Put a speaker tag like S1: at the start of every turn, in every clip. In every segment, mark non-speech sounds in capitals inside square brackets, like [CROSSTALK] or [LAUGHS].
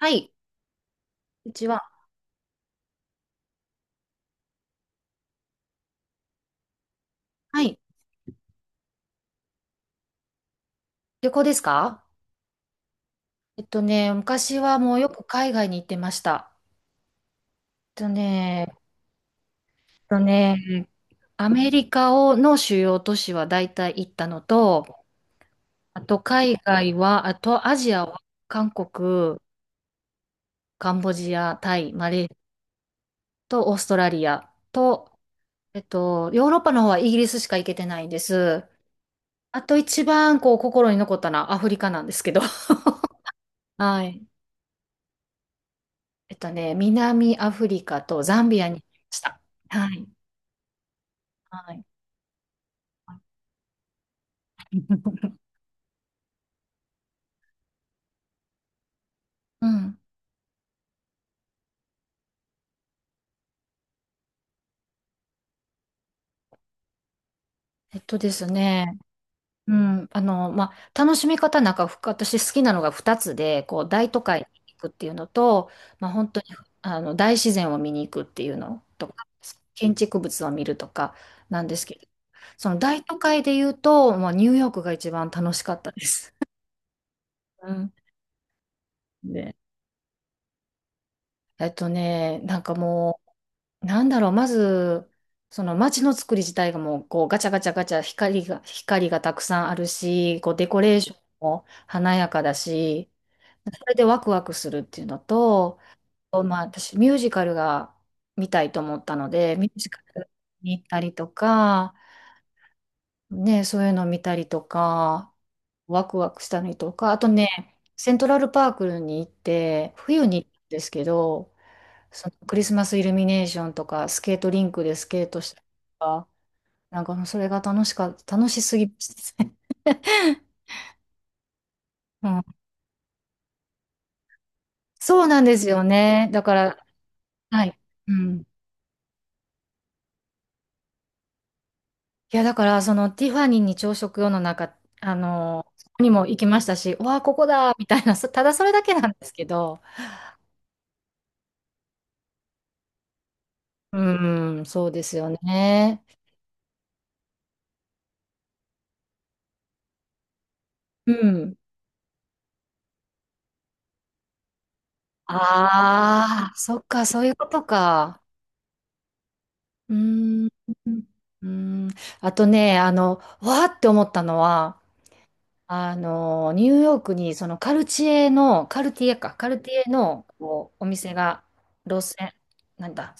S1: はい。うちは、はい。旅行ですか？昔はもうよく海外に行ってました。えっとね、えっとね、アメリカをの主要都市は大体行ったのと、あと海外は、あとアジアは韓国、カンボジア、タイ、マレーシアとオーストラリアと、ヨーロッパの方はイギリスしか行けてないんです。あと一番こう心に残ったのはアフリカなんですけど。[LAUGHS] はい。南アフリカとザンビアに行きました。はい。はい。[LAUGHS] うん。えっとですね、うん。楽しみ方なんか、私好きなのが2つで、こう、大都会に行くっていうのと、本当に、大自然を見に行くっていうのとか、建築物を見るとかなんですけど、その大都会で言うと、ニューヨークが一番楽しかったです。[LAUGHS] うん。[LAUGHS] で、なんかもう、なんだろう、まず、その街の作り自体がもう、こう、ガチャガチャガチャ、光がたくさんあるし、こう、デコレーションも華やかだし、それでワクワクするっていうのと、私、ミュージカルが見たいと思ったので、ミュージカルに行ったりとか、ね、そういうの見たりとか、ワクワクしたりとか、あとね、セントラルパークに行って、冬に行ったんですけど、そのクリスマスイルミネーションとか、スケートリンクでスケートしたりとか、なんかもうそれが楽しすぎましたね。[LAUGHS] うん、そうなんですよね。だから、はい。うん。いや、だから、そのティファニーに朝食用の中、そこにも行きましたし、うわあ、ここだみたいな、ただそれだけなんですけど、うん、そうですよね。うん。ああ、そっか、そういうことか。うーん、うーん、あとね、わーって思ったのは、ニューヨークにそのカルチエの、カルティエか、カルティエのこうお店が、路線、なんだ、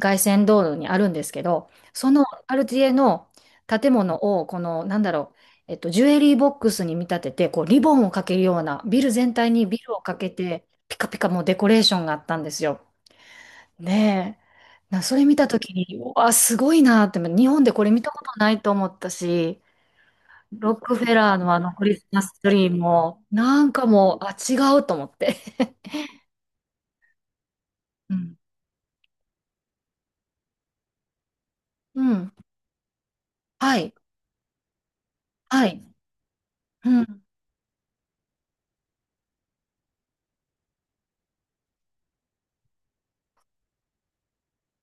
S1: 凱旋道路にあるんですけど、そのカルティエの建物を、この、なんだろう、ジュエリーボックスに見立てて、こう、リボンをかけるような、ビル全体にビルをかけて、ピカピカもうデコレーションがあったんですよ。ねえ。それ見たときに、うわ、すごいなって、日本でこれ見たことないと思ったし、ロックフェラーのあのクリスマスツリーも、なんかもう、あ、違うと思って。うん。うん。はい。はい。うん。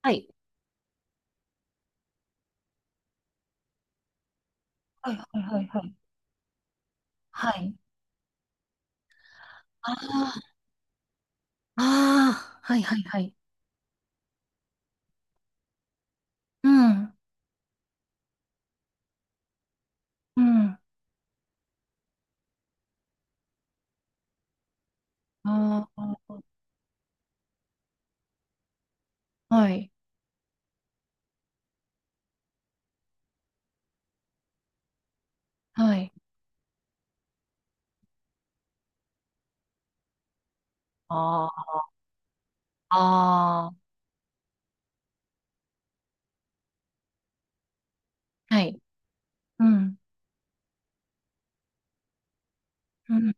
S1: はい。はいはいはいはい。はい。ああ、ああ、はいはいはい。うん。うん。ああ、はい。はい。ああ、ああ、はい。うん。うん。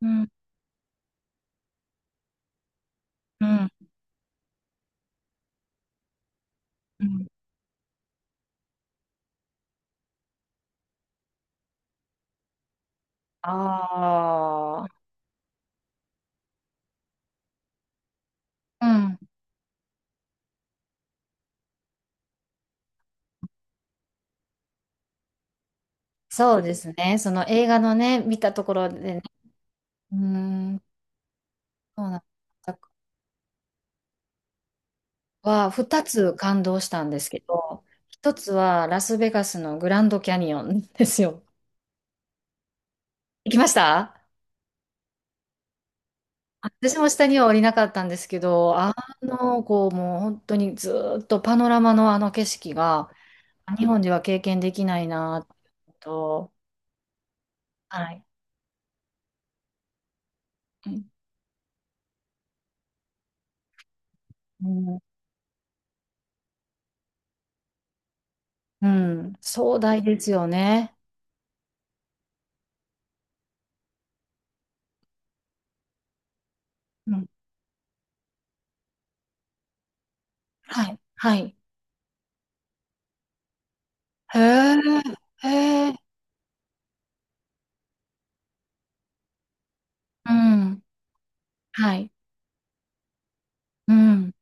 S1: うん。うん。うん。ああ。うん。そうですね。その映画のね、見たところでね、うーん、そうなんだ。二つ感動したんですけど、一つはラスベガスのグランドキャニオンですよ。[LAUGHS] 行きました。私も下には降りなかったんですけど、こう、もう本当にずーっとパノラマのあの景色が、日本では経験できないなと、はい。うん、うん、壮大ですよね。うん、はい、はい。へえ、へえ、うん、はい、うん、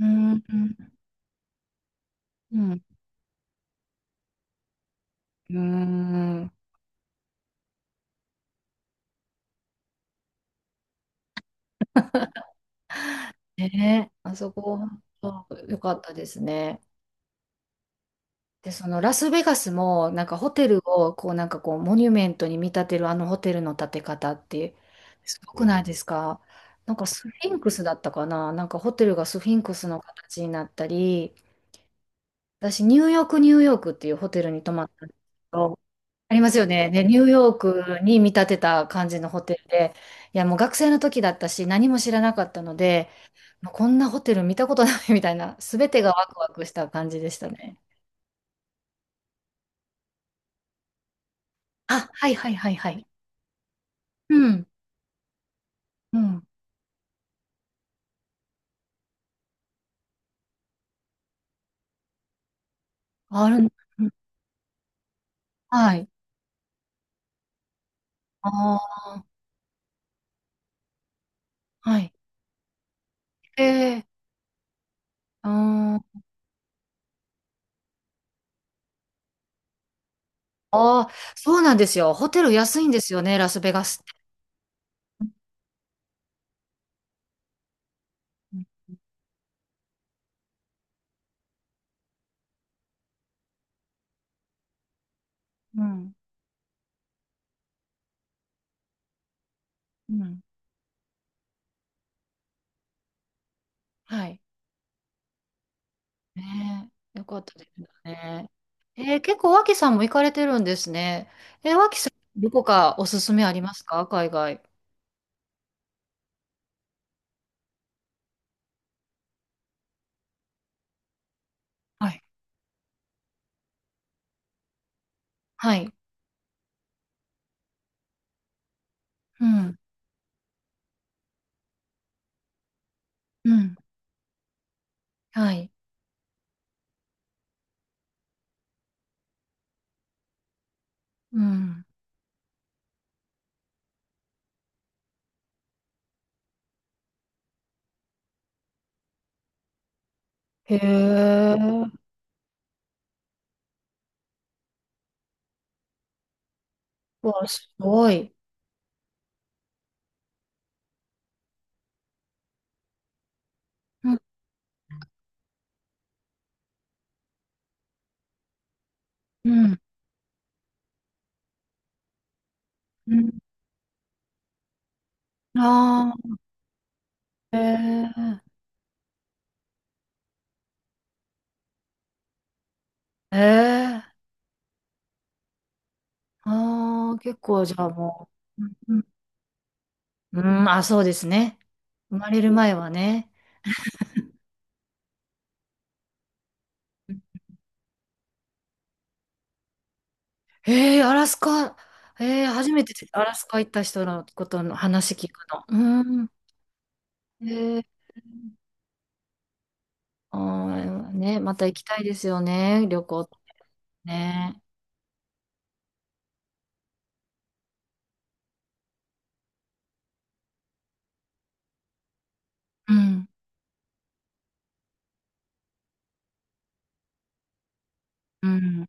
S1: うん、うん、うん、うん、ねえ、あそこ、本かったですね。で、そのラスベガスも、なんかホテルを、こう、なんかこう、モニュメントに見立てるあのホテルの建て方って、すごくないですか？なんかスフィンクスだったかな、なんかホテルがスフィンクスの形になったり、私、ニューヨーク、ニューヨークっていうホテルに泊まったんですけど、ありますよね。で、ニューヨークに見立てた感じのホテルで、いや、もう学生の時だったし、何も知らなかったので、もうこんなホテル見たことない [LAUGHS] みたいな、すべてがワクワクした感じでしたね。あ、はいはいはいはい。うん、うん。あるん、うん、はい。ああ、はい。ええ、ああー、そうなんですよ。ホテル安いんですよね、ラスベガスって。うん、うん、うん。はい。ねえ、よかったですね。結構、脇さんも行かれてるんですね。脇さん、どこかおすすめありますか、海外？はい。はい。うん。うん。はい。うん。へえ。わ、すごい。うん。うん。うん。ああ、ええ。ええ。ああ、結構、じゃあもう。うん。うん、あ、そうですね。生まれる前はね。アラスカ、初めてアラスカ行った人のことの話聞くの。うん。えー、あーね、また行きたいですよね、旅行ってね。うん、うん、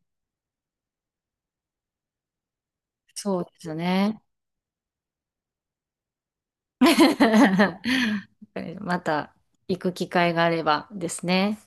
S1: そうですね。[LAUGHS] また行く機会があればですね。